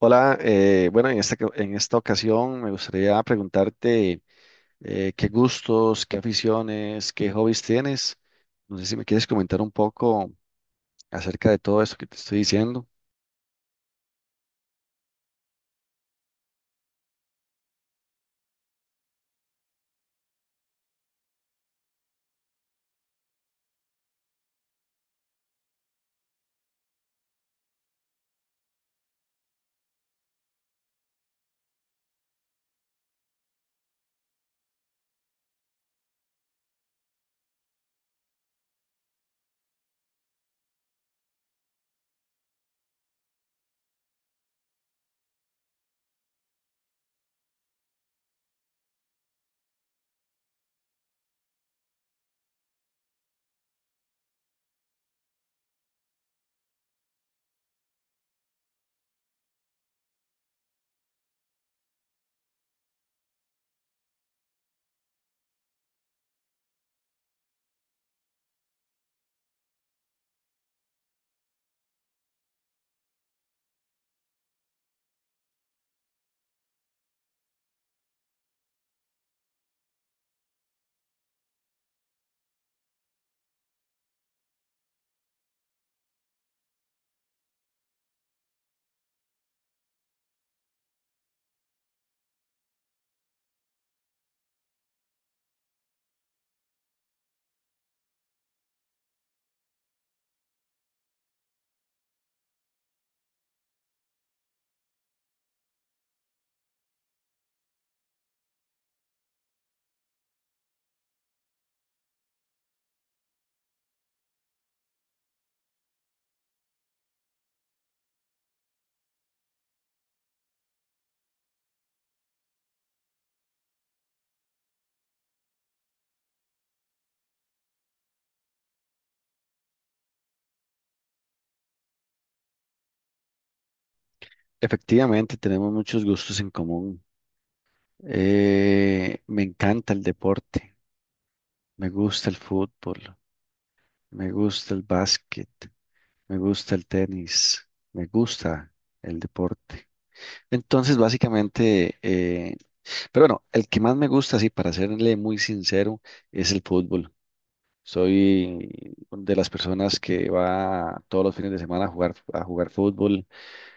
Hola, bueno, en esta ocasión me gustaría preguntarte qué gustos, qué aficiones, qué hobbies tienes. No sé si me quieres comentar un poco acerca de todo esto que te estoy diciendo. Efectivamente, tenemos muchos gustos en común. Me encanta el deporte, me gusta el fútbol, me gusta el básquet, me gusta el tenis, me gusta el deporte. Entonces, básicamente, pero bueno, el que más me gusta, sí, para serle muy sincero, es el fútbol. Soy de las personas que va todos los fines de semana a jugar fútbol.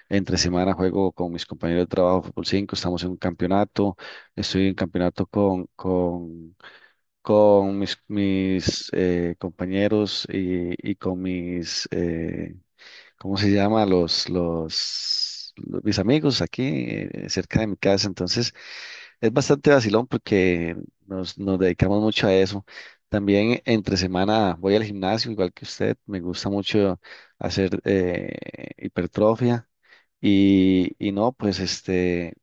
Entre semana juego con mis compañeros de trabajo fútbol 5. Estamos en un campeonato. Estoy en campeonato con mis compañeros y con mis, ¿cómo se llama? Mis amigos aquí, cerca de mi casa. Entonces es bastante vacilón porque nos dedicamos mucho a eso. También entre semana voy al gimnasio, igual que usted. Me gusta mucho hacer hipertrofia y no, pues este,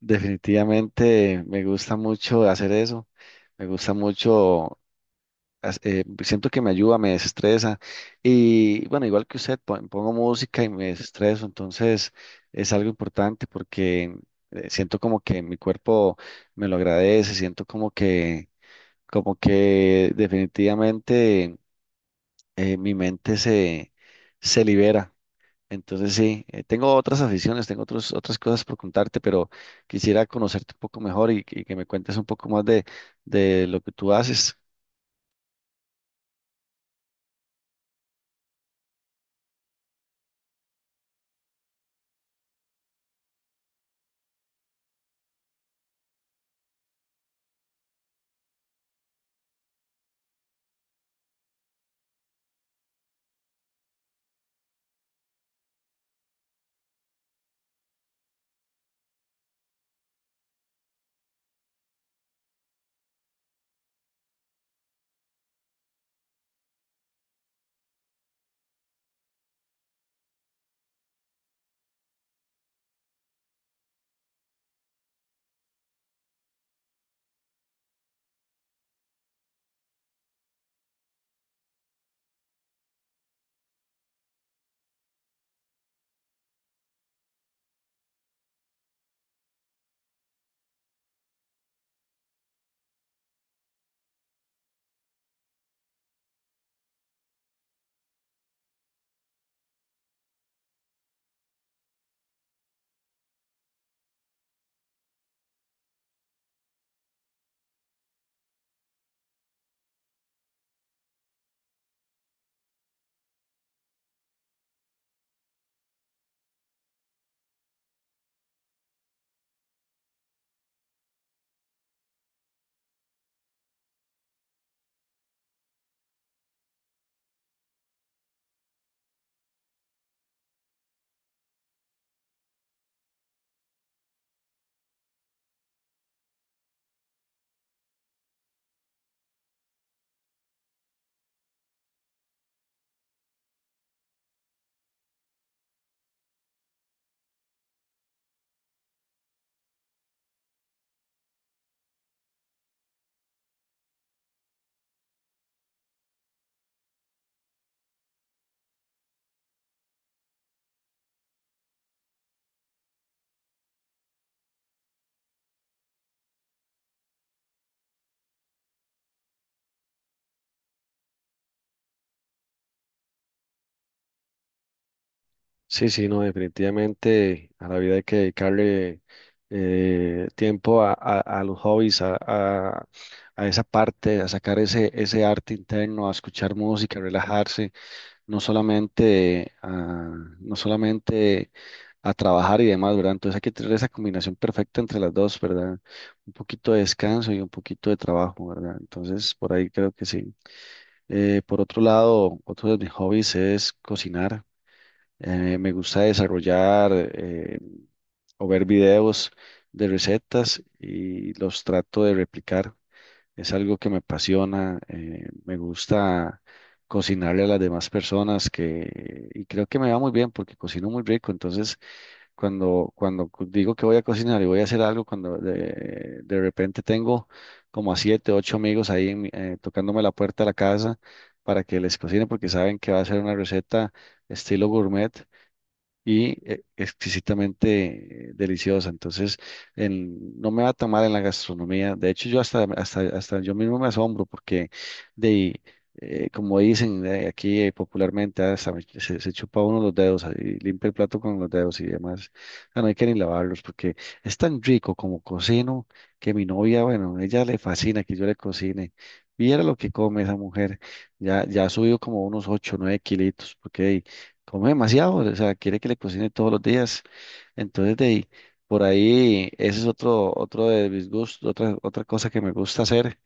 definitivamente me gusta mucho hacer eso. Me gusta mucho siento que me ayuda, me desestresa. Y bueno, igual que usted, pongo música y me desestreso, entonces es algo importante porque, siento como que mi cuerpo me lo agradece, siento como que definitivamente, mi mente se libera. Entonces sí, tengo otras aficiones, tengo otras cosas por contarte, pero quisiera conocerte un poco mejor y que me cuentes un poco más de lo que tú haces. Sí, sí, no, definitivamente a la vida hay que dedicarle tiempo a los hobbies, a esa parte, a sacar ese arte interno, a escuchar música, a relajarse, no solamente a, no solamente a trabajar y demás, ¿verdad? Entonces hay que tener esa combinación perfecta entre las dos, ¿verdad? Un poquito de descanso y un poquito de trabajo, ¿verdad? Entonces, por ahí creo que sí. Por otro lado, otro de mis hobbies es cocinar. Me gusta desarrollar, o ver videos de recetas y los trato de replicar. Es algo que me apasiona. Me gusta cocinarle a las demás personas que, y creo que me va muy bien porque cocino muy rico. Entonces, digo que voy a cocinar y voy a hacer algo, cuando de repente tengo como a siete, ocho amigos ahí tocándome la puerta de la casa para que les cocine porque saben que va a ser una receta estilo gourmet y, exquisitamente, deliciosa. Entonces, no me va a tomar en la gastronomía. De hecho, yo hasta yo mismo me asombro porque, de, como dicen, aquí, popularmente, hasta se chupa uno los dedos, y limpia el plato con los dedos y demás. O no hay que ni lavarlos porque es tan rico como cocino que mi novia, bueno, ella le fascina que yo le cocine. Viera lo que come esa mujer. Ya, ya ha subido como unos 8 o 9 kilitos, porque come demasiado, o sea, quiere que le cocine todos los días. Entonces, de ahí, por ahí, ese es otro de mis gustos, otra cosa que me gusta hacer.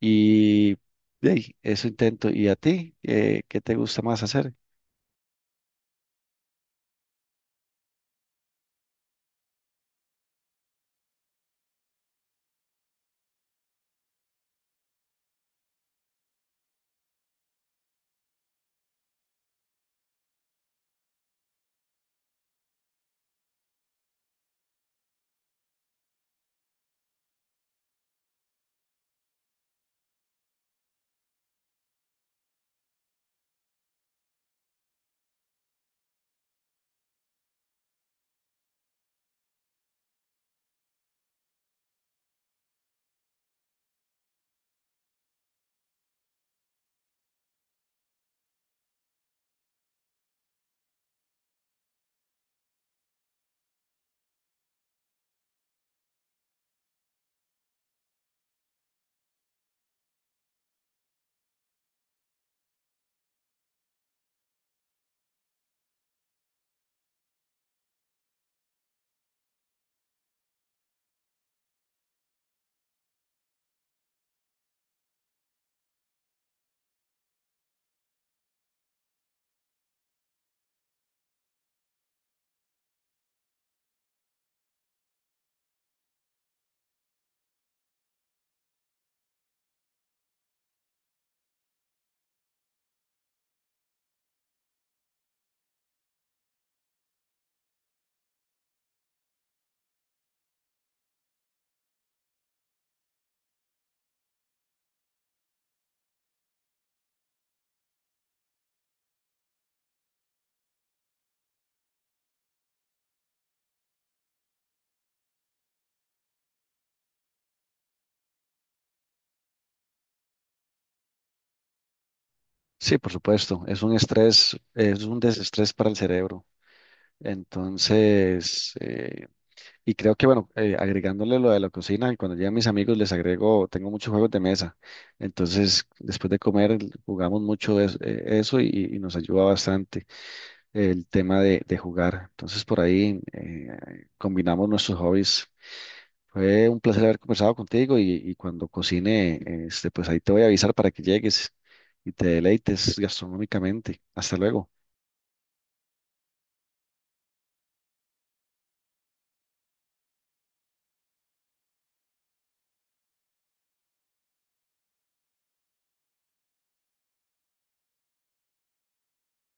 Y de ahí, eso intento. ¿Y a ti? ¿Qué te gusta más hacer? Sí, por supuesto, es un estrés, es un desestrés para el cerebro. Entonces, y creo que, bueno, agregándole lo de la cocina, cuando llegan mis amigos les agrego, tengo muchos juegos de mesa. Entonces, después de comer, jugamos mucho de eso, eso, y nos ayuda bastante el tema de jugar. Entonces, por ahí, combinamos nuestros hobbies. Fue un placer haber conversado contigo y cuando cocine, este, pues ahí te voy a avisar para que llegues y te deleites gastronómicamente. Hasta luego.